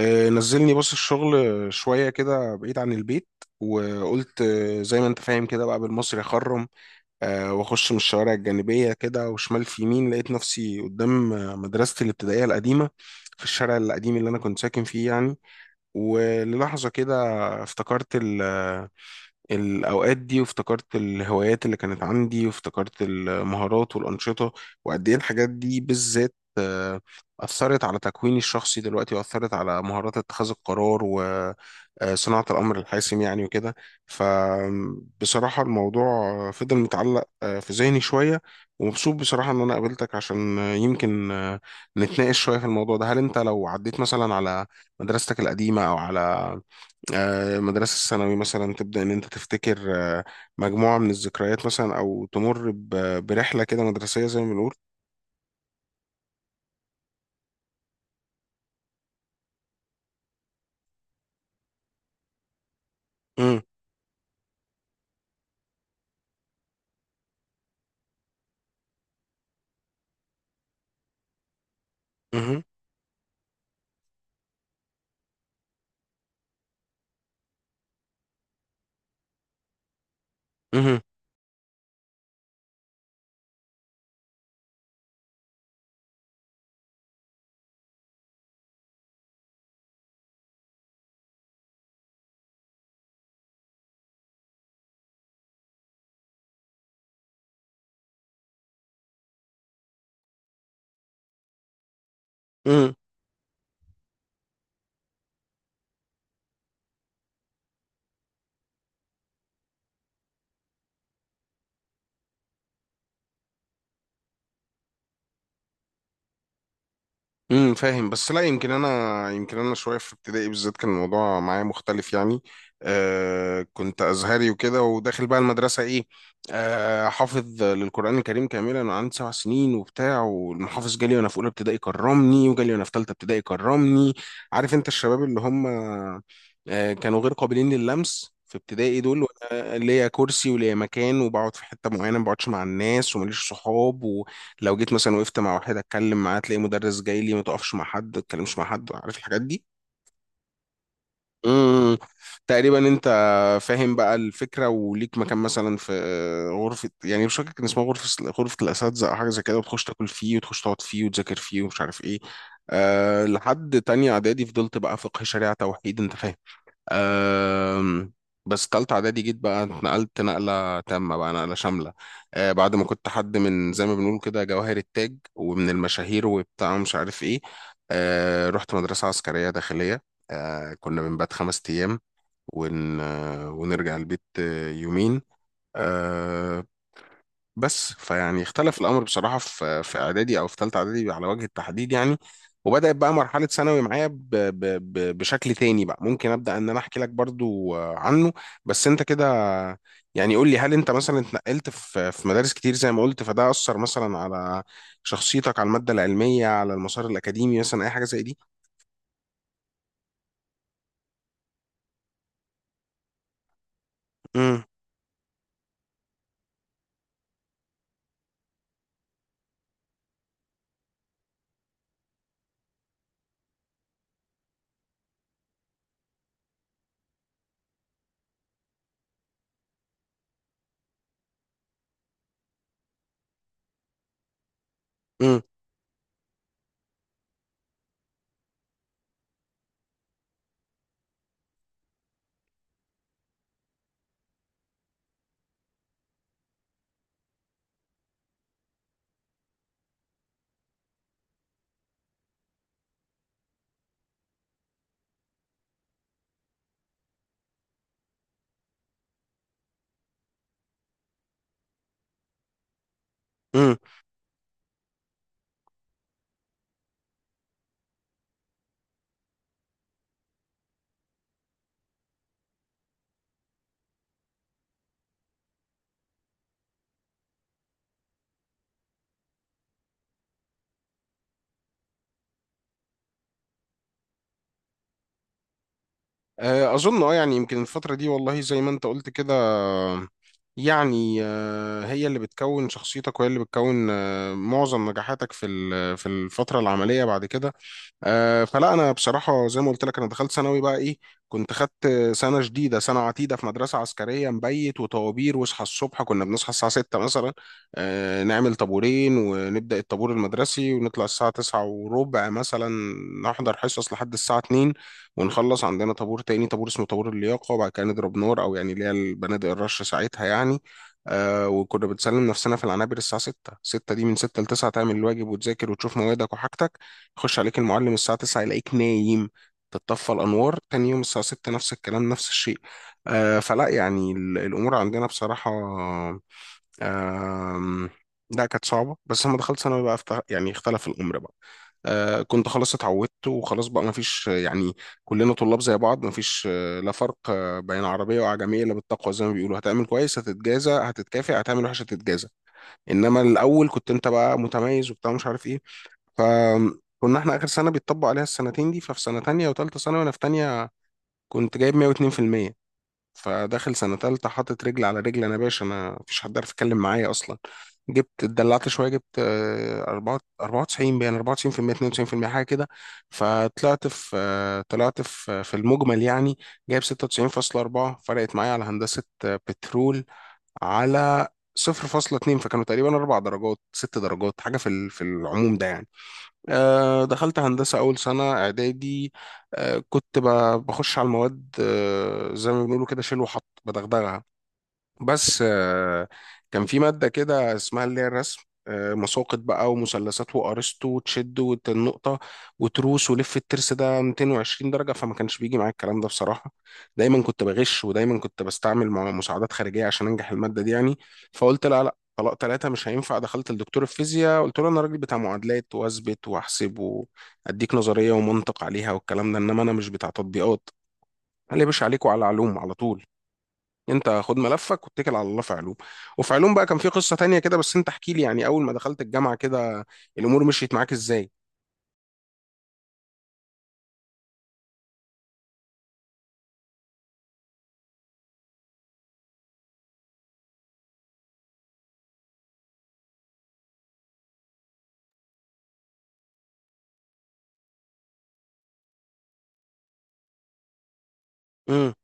نزلني بص الشغل شوية كده بعيد عن البيت. وقلت زي ما انت فاهم كده بقى بالمصري اخرم. واخش من الشوارع الجانبية كده وشمال في يمين لقيت نفسي قدام مدرستي الابتدائية القديمة في الشارع القديم اللي انا كنت ساكن فيه يعني. وللحظة كده افتكرت الأوقات دي، وافتكرت الهوايات اللي كانت عندي، وافتكرت المهارات والأنشطة، وقد إيه الحاجات دي بالذات أثرت على تكويني الشخصي دلوقتي، وأثرت على مهارات اتخاذ القرار وصناعة الأمر الحاسم يعني وكده. فبصراحة الموضوع فضل متعلق في ذهني شوية، ومبسوط بصراحة إن أنا قابلتك عشان آه، يمكن آه، نتناقش شوية في الموضوع ده. هل أنت لو عديت مثلا على مدرستك القديمة أو على مدرسة الثانوي مثلا، تبدأ إن أنت تفتكر مجموعة من الذكريات مثلا، أو تمر برحلة كده مدرسية زي ما بنقول؟ مم. مهم. مهم. مهم. فاهم، بس لا، يمكن انا شويه في ابتدائي بالذات كان الموضوع معايا مختلف يعني. كنت ازهري وكده، وداخل بقى المدرسه ايه، حافظ للقران الكريم كاملا انا عندي سبع سنين وبتاع، والمحافظ جالي وانا في اولى ابتدائي كرمني، وجالي وانا في ثالثه ابتدائي كرمني. عارف انت الشباب اللي هم كانوا غير قابلين للمس في ابتدائي دول، وانا ليا كرسي وليا مكان وبقعد في حته معينه، ما بقعدش مع الناس وماليش صحاب. لو جيت مثلا وقفت مع واحد اتكلم معاه تلاقي مدرس جاي لي، ما تقفش مع حد، ما تتكلمش مع حد، عارف الحاجات دي. امم، تقريبا انت فاهم بقى الفكره، وليك مكان مثلا في غرفه، يعني مش فاكر كان اسمها غرفه الاساتذه او حاجه زي كده، وتخش تاكل فيه، وتخش تقعد فيه، وتذاكر فيه ومش عارف ايه. لحد تانية اعدادي فضلت بقى فقه شريعه توحيد، انت فاهم. أم. بس تالتة إعدادي جيت بقى اتنقلت نقلة تامة بقى، نقلة شاملة. بعد ما كنت حد من زي ما بنقول كده جواهر التاج ومن المشاهير وبتاع مش عارف إيه، رحت مدرسة عسكرية داخلية. كنا بنبات خمس أيام ون... آه، ونرجع البيت يومين. آه، بس فيعني اختلف الامر بصراحه في اعدادي او في ثالثه اعدادي على وجه التحديد يعني. وبدات بقى مرحله ثانوي معايا ب ب ب بشكل تاني بقى. ممكن ابدا ان انا احكي لك برضو عنه، بس انت كده يعني قول لي، هل انت مثلا اتنقلت في مدارس كتير زي ما قلت، فده اثر مثلا على شخصيتك، على الماده العلميه، على المسار الاكاديمي مثلا، اي حاجه زي دي؟ امم. امم. امم. أظن يعني يمكن الفترة دي، والله زي ما أنت قلت كده، يعني هي اللي بتكون شخصيتك، وهي اللي بتكون معظم نجاحاتك في في الفترة العملية بعد كده. فلا انا بصراحه زي ما قلت لك، انا دخلت ثانوي بقى ايه، كنت خدت سنه جديده، سنه عتيده، في مدرسه عسكريه، مبيت وطوابير، واصحى الصبح، كنا بنصحى الساعه 6 مثلا، نعمل طابورين ونبدا الطابور المدرسي، ونطلع الساعه 9 وربع مثلا، نحضر حصص لحد الساعه 2، ونخلص عندنا طابور تاني، طابور اسمه طابور اللياقه، وبعد كده نضرب نار، او يعني اللي هي البنادق الرش ساعتها يعني. وكنا بنسلم نفسنا في العنابر الساعة 6. 6 دي من 6 ل 9 تعمل الواجب وتذاكر وتشوف موادك وحاجتك. يخش عليك المعلم الساعة 9 يلاقيك نايم، تتطفى الأنوار، تاني يوم الساعة 6 نفس الكلام نفس الشيء. فلا يعني الأمور عندنا بصراحة، آم، لا كانت صعبة. بس لما دخلت ثانوي بقى يعني اختلف الأمر بقى، كنت خلاص اتعودت، وخلاص بقى مفيش يعني، كلنا طلاب زي بعض، مفيش لا فرق بين عربية وعجمية إلا بالتقوى زي ما بيقولوا. هتعمل كويس هتتجازى هتتكافئ، هتعمل وحش هتتجازى. إنما الأول كنت أنت بقى متميز وبتاع مش عارف إيه. فكنا احنا اخر سنه بيتطبق عليها السنتين دي، ففي سنه تانية وتالتة ثانوي، وانا في تانية كنت جايب 102%. فداخل سنه تالتة حاطط رجل على رجل، انا يا باشا انا مفيش حد عارف يتكلم معايا اصلا. جبت اتدلعت شويه، جبت 4 94 بين 94% 92% حاجه كده. فطلعت في آه، طلعت في آه، في المجمل يعني جايب 96.4، فرقت معايا على هندسه بترول على 0.2، فكانوا تقريبا اربع درجات ست درجات حاجه في في العموم ده يعني. دخلت هندسة أول سنة إعدادي، كنت بخش على المواد زي ما بنقولوا كده، شيل وحط بدغدغها. بس كان في مادة كده اسمها اللي هي الرسم، مساقط بقى ومثلثات وأرسطو وتشد والنقطة وتروس ولف الترس ده 220 درجة. فما كانش بيجي معايا الكلام ده بصراحة، دايما كنت بغش، ودايما كنت بستعمل مع مساعدات خارجية عشان أنجح المادة دي يعني. فقلت لا لا، طلاق ثلاثة مش هينفع، دخلت لدكتور الفيزياء قلت له أنا راجل بتاع معادلات، وأثبت وأحسب وأديك نظرية ومنطق عليها والكلام ده، إنما أنا مش بتاع تطبيقات. قال لي يا باشا عليك وعلى علوم على طول، انت خد ملفك واتكل على الله في علوم. وفي علوم بقى كان في قصة تانية كده، بس انت احكي لي يعني، اول ما دخلت الجامعة كده الامور مشيت معاك ازاي؟ امم.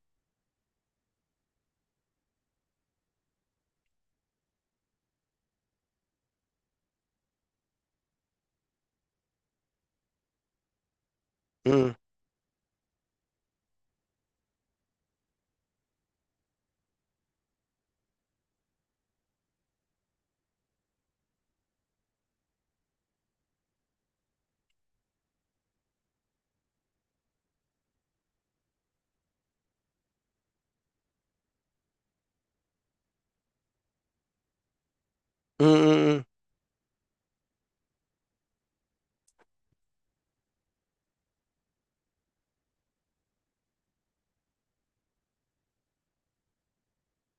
امم.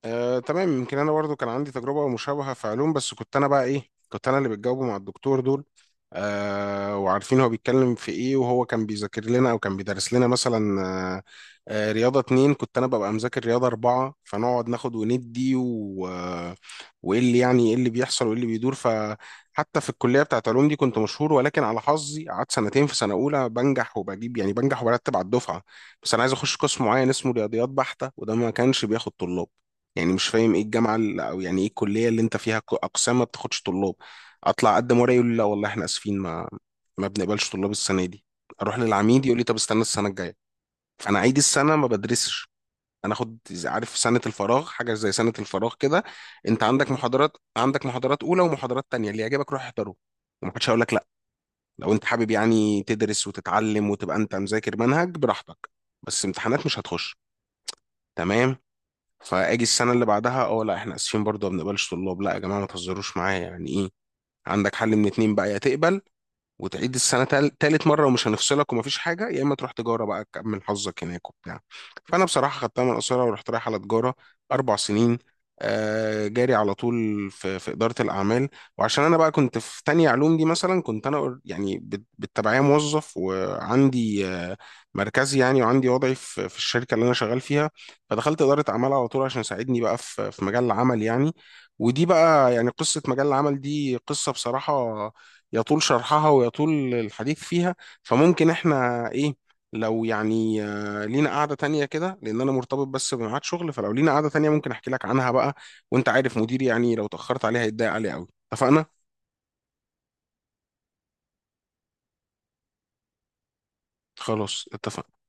تمام. يمكن انا برضو كان عندي تجربه مشابهه في علوم، بس كنت انا بقى ايه، كنت انا اللي بتجاوبه مع الدكتور دول، وعارفين هو بيتكلم في ايه. وهو كان بيذاكر لنا او كان بيدرس لنا مثلا رياضه اتنين، كنت انا ببقى مذاكر رياضه اربعه، فنقعد ناخد وندي و آه، وايه اللي يعني ايه اللي بيحصل وايه اللي بيدور. فحتى في الكليه بتاعت علوم دي كنت مشهور، ولكن على حظي قعدت سنتين في سنه اولى، بنجح وبجيب يعني، بنجح وبرتب على الدفعه. بس انا عايز اخش قسم معين اسمه رياضيات بحته، وده ما كانش بياخد طلاب، يعني مش فاهم ايه الجامعه اللي، او يعني ايه الكليه اللي انت فيها اقسام ما بتاخدش طلاب. اطلع اقدم ورقه يقول لي لا والله احنا اسفين، ما ما بنقبلش طلاب السنه دي. اروح للعميد يقول لي طب استنى السنه الجايه. فانا عيد السنه ما بدرسش، انا اخد عارف سنه الفراغ، حاجه زي سنه الفراغ كده. انت عندك محاضرات، عندك محاضرات اولى ومحاضرات تانية، اللي يعجبك روح احضره، ومحدش هيقول لك لا. لو انت حابب يعني تدرس وتتعلم وتبقى انت مذاكر منهج براحتك، بس امتحانات مش هتخش، تمام. فاجي السنه اللي بعدها، اه لا احنا اسفين برضه ما بنقبلش طلاب. لا يا جماعه ما تهزروش معايا، يعني ايه؟ عندك حل من اتنين بقى، يا تقبل وتعيد السنة تالت مرة، ومش هنفصلك ومفيش حاجة، يا إما تروح تجارة بقى تكمل حظك هناك وبتاع. فأنا بصراحة خدتها من قصيرة ورحت رايح على تجارة، أربع سنين جاري على طول في, إدارة الأعمال. وعشان أنا بقى كنت في تانية علوم دي، مثلا كنت أنا يعني بالتبعية موظف، وعندي مركزي يعني، وعندي وضعي في, الشركة اللي أنا شغال فيها. فدخلت إدارة أعمال على طول عشان يساعدني بقى في, مجال العمل يعني. ودي بقى يعني قصة مجال العمل دي، قصة بصراحة يطول شرحها ويطول الحديث فيها. فممكن احنا ايه، لو يعني لينا قعدة تانية كده، لأن أنا مرتبط بس بميعاد شغل، فلو لينا قعدة تانية ممكن أحكي لك عنها بقى. وأنت عارف مديري يعني لو تأخرت عليها هيتضايق عليه أوي. اتفقنا؟ خلاص اتفقنا.